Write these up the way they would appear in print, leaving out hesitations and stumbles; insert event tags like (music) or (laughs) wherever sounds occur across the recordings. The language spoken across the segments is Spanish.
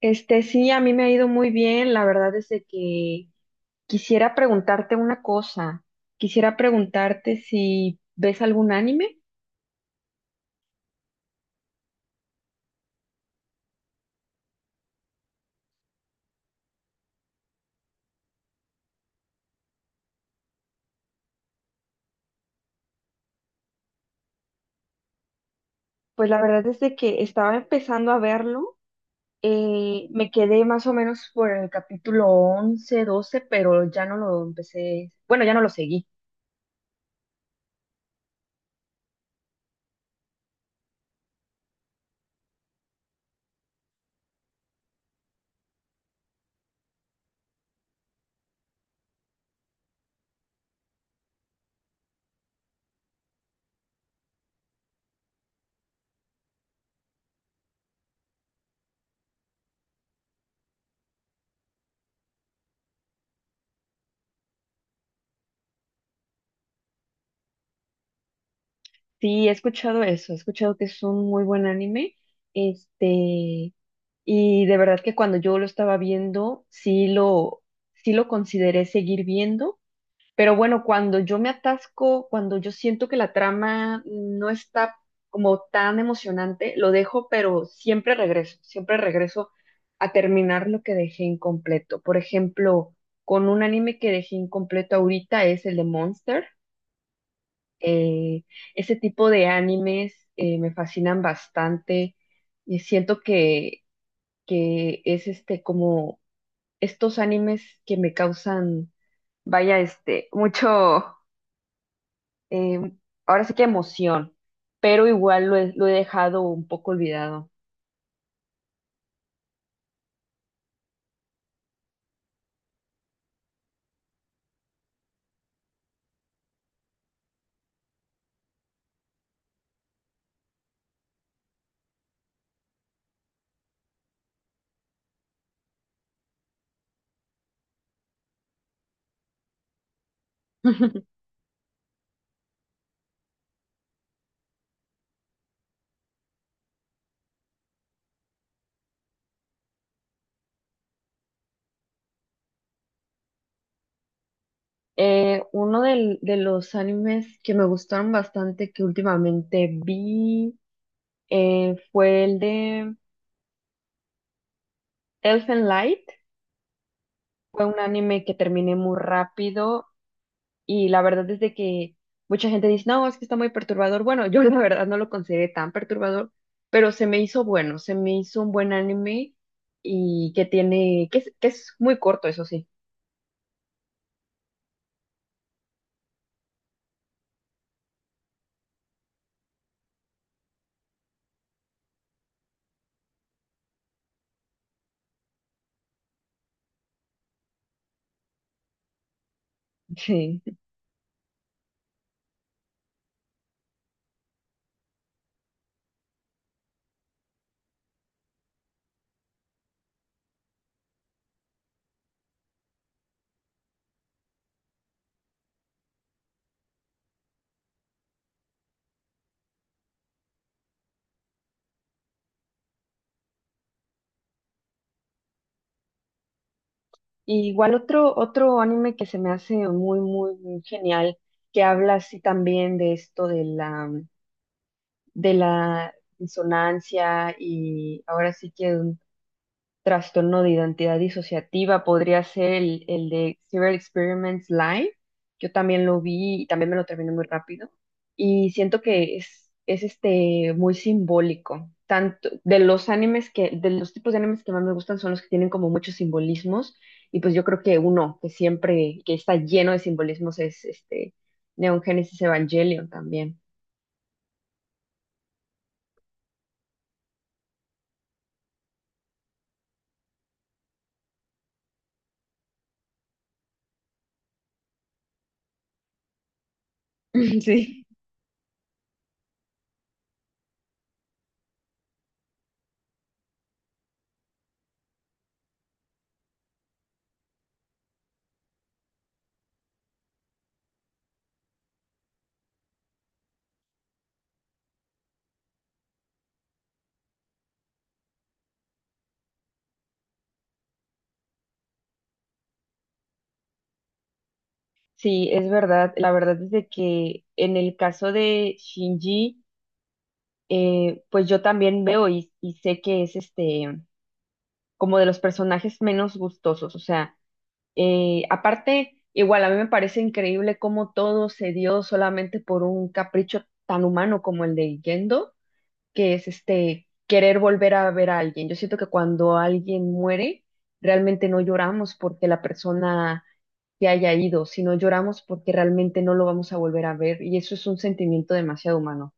Sí, a mí me ha ido muy bien. La verdad es de que quisiera preguntarte una cosa. Quisiera preguntarte si ves algún anime. Pues la verdad es de que estaba empezando a verlo. Me quedé más o menos por el capítulo 11, 12, pero ya no lo empecé. Bueno, ya no lo seguí. Sí, he escuchado eso. He escuchado que es un muy buen anime. Este, y de verdad que cuando yo lo estaba viendo, sí lo consideré seguir viendo. Pero bueno, cuando yo me atasco, cuando yo siento que la trama no está como tan emocionante, lo dejo, pero siempre regreso a terminar lo que dejé incompleto. Por ejemplo, con un anime que dejé incompleto ahorita es el de Monster. Eh, Ese tipo de animes me fascinan bastante y siento que es este como estos animes que me causan, vaya, este, mucho eh, ahora sí que emoción, pero lo he dejado un poco olvidado. (laughs) Uno de los animes que me gustaron bastante que últimamente vi fue el de Elfen Light. Fue un anime que terminé muy rápido y la verdad es de que mucha gente dice, no, es que está muy perturbador. Bueno, yo (laughs) la verdad no lo consideré tan perturbador, pero se me hizo un buen anime, y que tiene, que es muy corto, eso sí. Sí, y igual otro anime que se me hace muy genial, que habla así también de de la insonancia y ahora sí que trastorno de identidad disociativa, podría ser el de Serial Experiments Live. Yo también lo vi y también me lo terminé muy rápido. Y siento que es este, muy simbólico. Tanto de los animes de los tipos de animes que más me gustan son los que tienen como muchos simbolismos. Y pues yo creo que uno que siempre, que está lleno de simbolismos es este Neon Genesis Evangelion también. (laughs) Sí. Sí, es verdad. La verdad es de que en el caso de Shinji, pues yo también veo y sé que es este como de los personajes menos gustosos. O sea, aparte, igual a mí me parece increíble cómo todo se dio solamente por un capricho tan humano como el de Gendo, que es este querer volver a ver a alguien. Yo siento que cuando alguien muere, realmente no lloramos porque la persona se haya ido, sino lloramos porque realmente no lo vamos a volver a ver. Y eso es un sentimiento demasiado humano.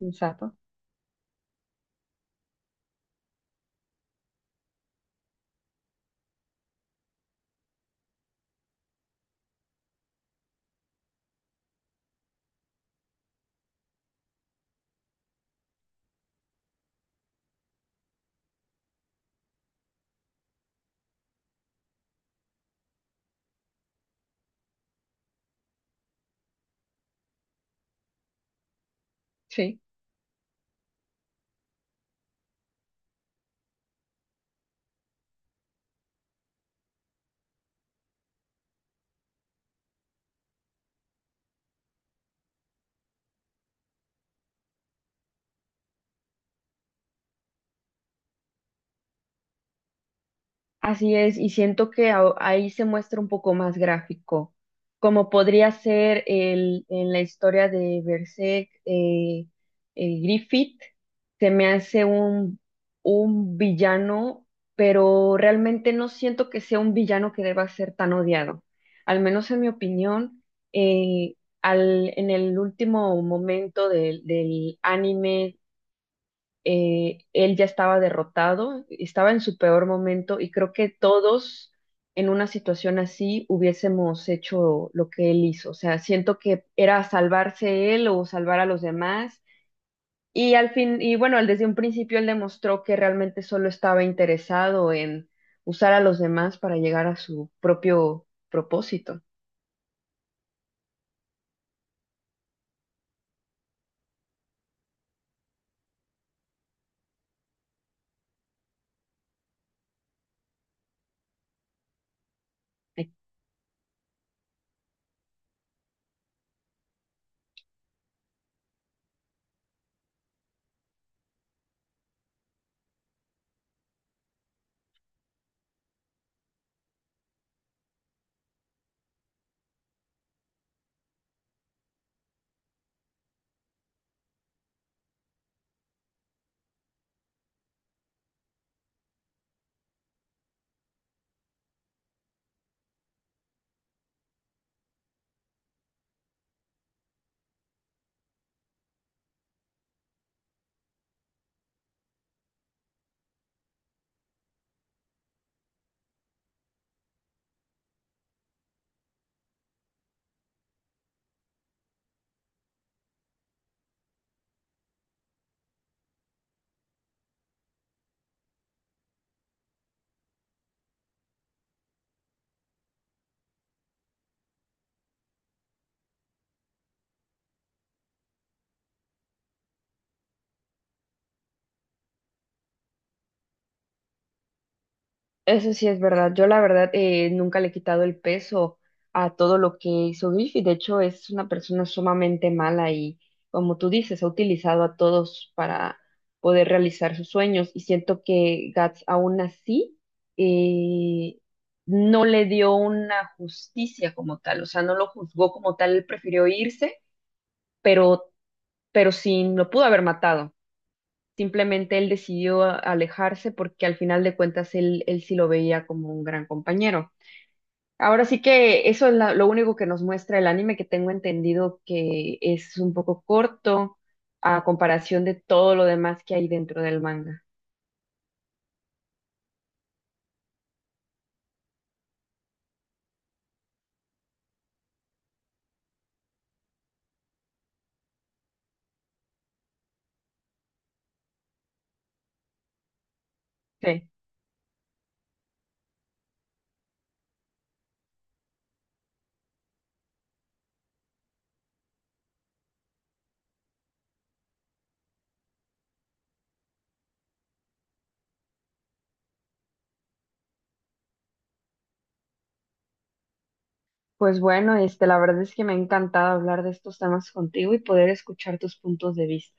Exacto. Sí. Así es, y siento que ahí se muestra un poco más gráfico, como podría ser en la historia de Berserk, Griffith se me hace un villano, pero realmente no siento que sea un villano que deba ser tan odiado. Al menos en mi opinión, eh, al, en el último momento del anime, él ya estaba derrotado, estaba en su peor momento y creo que todos en una situación así hubiésemos hecho lo que él hizo. O sea, siento que era salvarse él o salvar a los demás. Y al fin, y bueno, él desde un principio él demostró que realmente solo estaba interesado en usar a los demás para llegar a su propio propósito. Eso sí es verdad. Yo la verdad nunca le he quitado el peso a todo lo que hizo Griffith. De hecho, es una persona sumamente mala y, como tú dices, ha utilizado a todos para poder realizar sus sueños. Y siento que Guts aún así eh, no le dio una justicia como tal. O sea, no lo juzgó como tal. Él prefirió irse, pero, pero sí lo pudo haber matado. Simplemente él decidió alejarse porque al final de cuentas él sí lo veía como un gran compañero. Ahora sí que eso es lo único que nos muestra el anime, que tengo entendido que es un poco corto a comparación de todo lo demás que hay dentro del manga. Sí. Pues bueno, este, la verdad es que me ha encantado hablar de estos temas contigo y poder escuchar tus puntos de vista.